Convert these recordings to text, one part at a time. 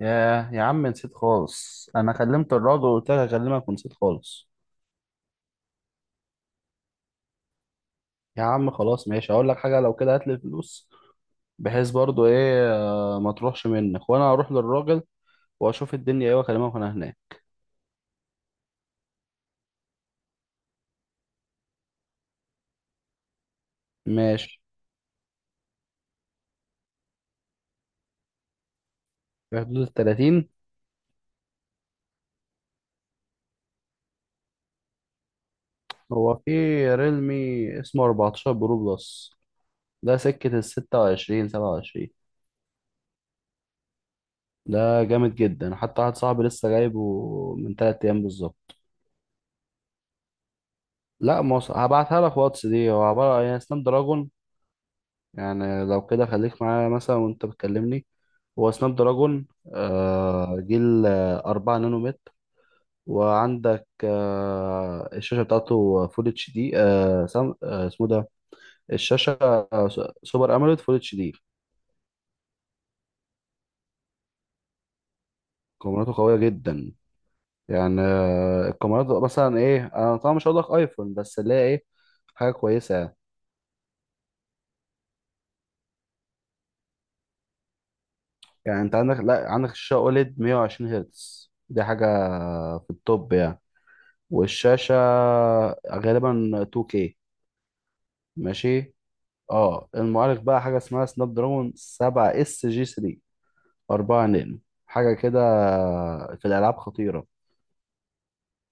يا عم نسيت خالص، انا كلمت الراجل وقلت لك اكلمك ونسيت خالص. يا عم خلاص، ماشي هقول لك حاجه. لو كده هات لي الفلوس، بحيث برضو ايه ما تروحش منك، وانا هروح للراجل واشوف الدنيا ايه واكلمك وانا هناك. ماشي، في حدود ال 30. هو في ريلمي اسمه 14 برو بلس، ده سكه ال 26 27. ده جامد جدا، حتى واحد صاحبي لسه جايبه من 3 ايام بالظبط. لا مصر هبعتها لك واتس. دي هو عباره عن سناب دراجون، يعني لو كده خليك معايا مثلا وانت بتكلمني. هو سناب دراجون جيل 4 نانومتر. وعندك الشاشة بتاعته فول اتش دي اسمه ده، الشاشة آه، س- سوبر أموليد فول اتش دي. كاميراته قوية جدا، يعني الكاميرات مثلا ايه، انا طبعا مش هقول لك ايفون، بس اللي هي ايه، حاجة كويسة يعني. يعني انت عندك لا، عندك الشاشة اوليد 120 هرتز، دي حاجة في التوب يعني. والشاشة غالبا 2K. ماشي. اه المعالج بقى حاجة اسمها سناب دراجون 7 اس جي 3، 4 نانو، حاجة كده. في الألعاب خطيرة.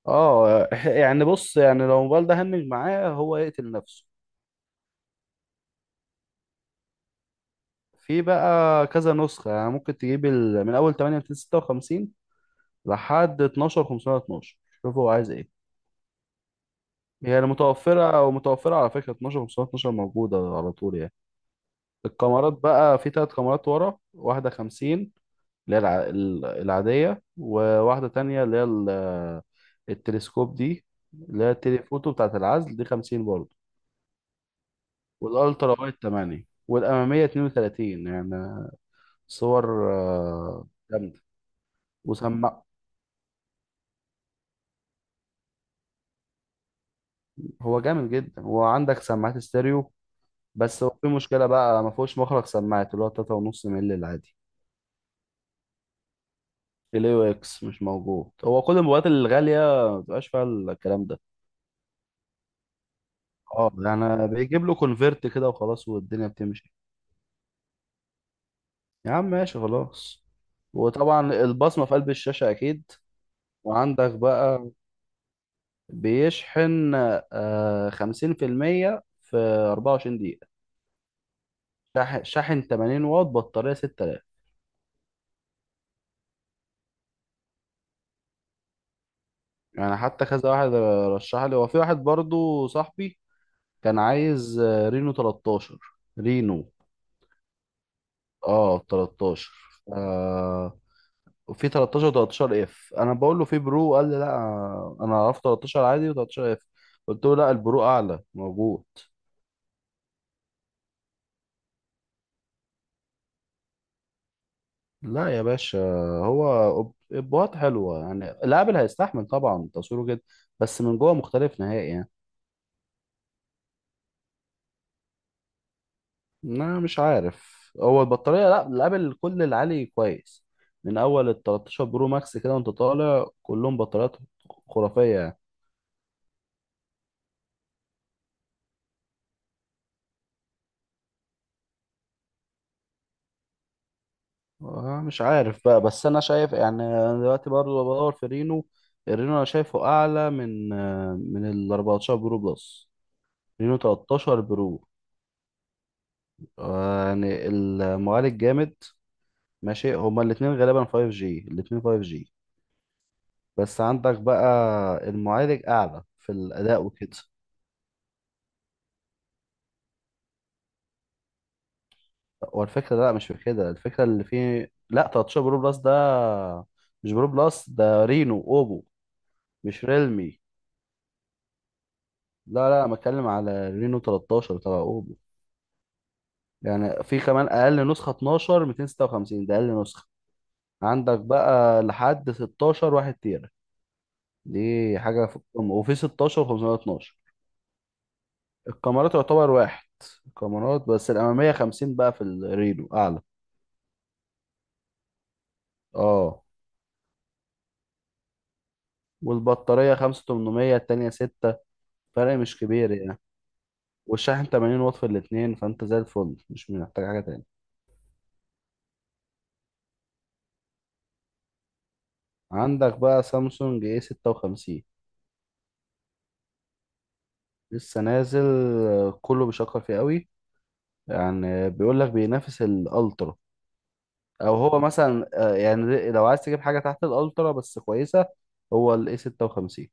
اه يعني بص، يعني لو الموبايل ده هنج معاه هو يقتل نفسه. في بقى كذا نسخة، يعني ممكن تجيب من أول 8256 لحد 12512، شوف هو عايز ايه. هي يعني متوفرة، ومتوفرة على فكرة 12512 موجودة على طول يعني. الكاميرات بقى، في ثلاث كاميرات ورا، واحدة خمسين اللي هي العادية، وواحدة تانية اللي هي التلسكوب دي، اللي هي التليفوتو بتاعة العزل دي خمسين برضه. والألترا وايد تمانية، والأمامية اتنين وتلاتين يعني. صور جامدة. وسماع، هو جامد جدا، وعندك سماعات ستيريو. بس هو في مشكلة بقى، ما فيهوش مخرج سماعات اللي هو تلاتة ونص مللي العادي. ال AUX مش موجود، هو كل الموبايلات الغالية ما بتبقاش فيها الكلام ده. اه يعني بيجيب له كونفرت كده وخلاص والدنيا بتمشي. يا عم ماشي خلاص. وطبعا البصمة في قلب الشاشة أكيد. وعندك بقى بيشحن آه خمسين في المية في أربعة وعشرين دقيقة. شاحن 80 واط، بطارية 6000. يعني حتى كذا واحد رشح لي. هو في واحد برضو صاحبي كان عايز رينو 13. رينو. اه 13. وفي 13 و13 اف. انا بقول له في برو، قال لي لا. انا عرفت 13 عادي و13 اف، قلت له لا البرو اعلى موجود. لا يا باشا. هو ابوات حلوه يعني، الابل هيستحمل طبعا، تصويره جدا. بس من جوه مختلف نهائي يعني. انا مش عارف هو البطاريه، لا الابل كل العالي كويس. من اول ال 13 برو ماكس كده وانت طالع كلهم بطاريات خرافيه يعني. مش عارف بقى، بس انا شايف يعني انا دلوقتي برضه بدور في رينو. الرينو انا شايفه اعلى من من ال 14 برو بلس، رينو 13 برو. يعني المعالج جامد. ماشي، هما الاتنين غالبا 5 جي، الاتنين 5 جي. بس عندك بقى المعالج اعلى في الاداء وكده. هو الفكره لا، مش في كده، الفكره اللي فيه، لا 13 برو بلس ده مش برو بلس، ده رينو اوبو. مش ريلمي. لا بتكلم على رينو 13 تبع اوبو. يعني في كمان اقل نسخه 12 256، ده اقل نسخه. عندك بقى لحد 16 1 تيرا، دي حاجه في القمه. وفي 16 512. الكاميرات يعتبر واحد، الكاميرات بس الاماميه 50 بقى في الريلو اعلى. اه. والبطاريه 5800، التانيه 6، فرق مش كبير يعني. والشاحن 80 واط في الاثنين، فانت زي الفل مش محتاج حاجه تاني. عندك بقى سامسونج اي 56، لسه نازل. كله بيشكر فيه قوي، يعني بيقول لك بينافس الالترا. او هو مثلا يعني لو عايز تجيب حاجه تحت الالترا بس كويسه، هو الاي 56.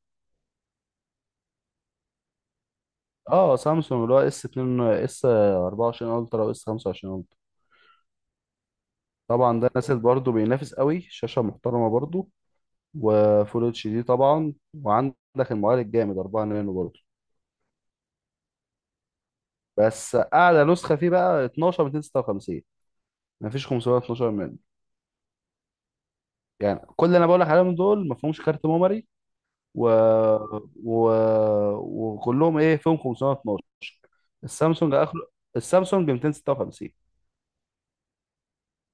اه سامسونج اللي هو اس 2، اس 24 الترا واس 25 الترا، طبعا ده نازل برضه بينافس قوي، شاشه محترمه برضه، وفول اتش دي طبعا. وعندك المعالج الجامد 4 نانو برضه. بس اعلى نسخه فيه بقى 12 256، مفيش 512 منه. يعني كل اللي انا بقول لك عليهم دول مفهومش كارت ميموري، و... و... وكلهم ايه فيهم 512. السامسونج اخره، السامسونج 256.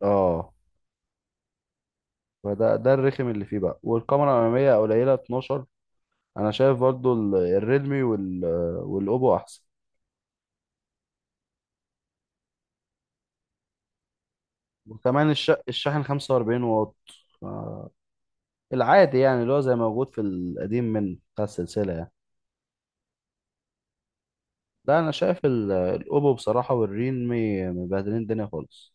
اه. فده الرخم اللي فيه بقى، والكاميرا الاماميه قليله 12. انا شايف برضو الريدمي والاوبو احسن. وكمان الشاحن 45 واط العادي، يعني اللي هو زي موجود في القديم من بتاع السلسله يعني. لا انا شايف الاوبو بصراحه والريدمي مبهدلين الدنيا خالص.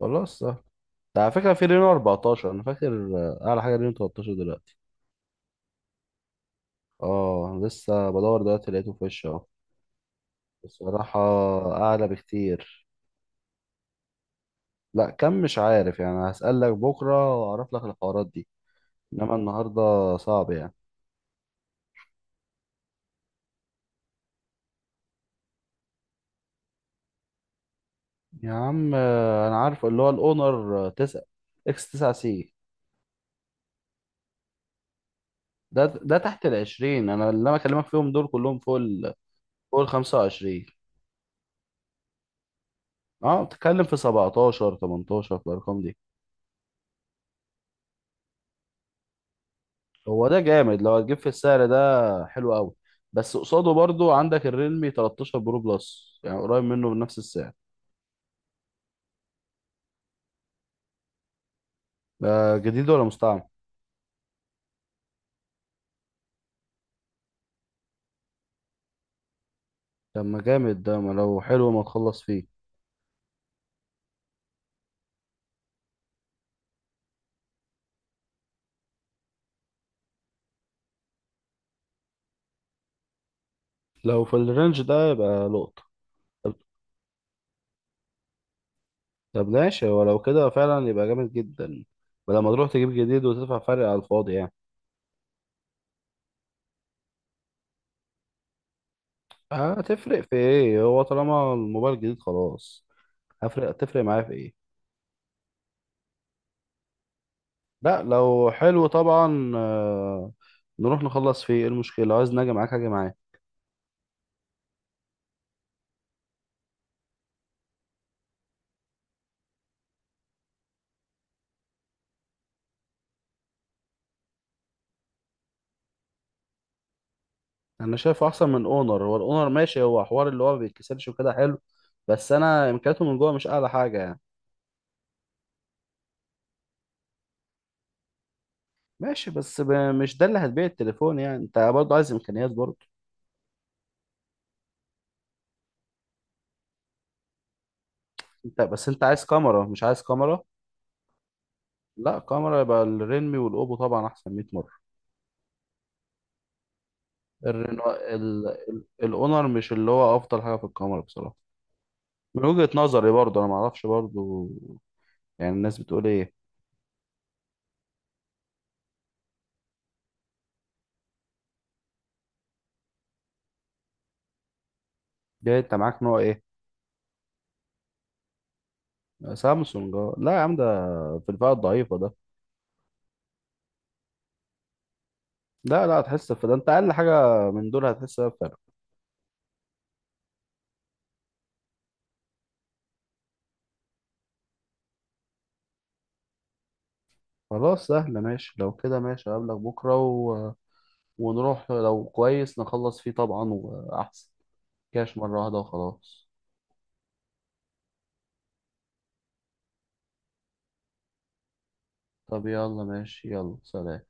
خلاص. ده على فكرة في رينو 14 أنا فاكر، أعلى حاجة رينو 13 دلوقتي. اه لسه بدور دلوقتي لقيته في وشي اهو. بصراحة أعلى بكتير. لا كم مش عارف يعني، هسألك بكرة وأعرف لك الحوارات دي. إنما النهاردة صعب يعني. يا عم أنا عارف اللي هو الأونر 9 إكس 9 سي، ده تحت ال 20. أنا اللي أنا بكلمك فيهم دول كلهم فوق ال 25. اه بتتكلم في 17 18 في الأرقام دي. هو ده جامد، لو هتجيب في السعر ده حلو قوي. بس قصاده برضو عندك الريلمي 13 برو بلس، يعني قريب منه بنفس السعر. ده جديد ولا مستعمل؟ طب ما جامد ده، ما لو حلو ما تخلص فيه. لو في الرينج ده يبقى لقطة. طب ماشي، ولو كده فعلا يبقى جامد جدا. ولما تروح تجيب جديد وتدفع فرق على الفاضي يعني. هتفرق في ايه؟ هو طالما الموبايل جديد خلاص، هفرق هتفرق معايا في ايه؟ لا لو حلو طبعا. نروح نخلص فيه، ايه المشكلة. لو عايز نجي معاك هاجي معاك. انا شايفه احسن من اونر. هو الاونر ماشي، هو حوار اللي هو ما بيتكسرش وكده حلو، بس انا امكانياته من جوه مش اعلى حاجه يعني. ماشي، بس مش ده اللي هتبيع التليفون يعني، انت برضه عايز امكانيات برضه. انت بس انت عايز كاميرا مش عايز كاميرا؟ لا كاميرا يبقى الريلمي والاوبو طبعا احسن 100 مره. الاونر مش اللي هو افضل حاجه في الكاميرا بصراحه. من وجهه نظري برضه، انا ما اعرفش برضه يعني الناس بتقول ايه. ده انت معاك نوع ايه؟ سامسونج اه. لا يا عم ده في الفئه الضعيفه ده. لا هتحس في ده، انت اقل حاجه من دول هتحس بيها بفرق. خلاص سهله، ماشي لو كده ماشي. اقابلك بكره ونروح لو كويس نخلص فيه طبعا واحسن. كاش مره واحده وخلاص. طب يلا ماشي، يلا سلام.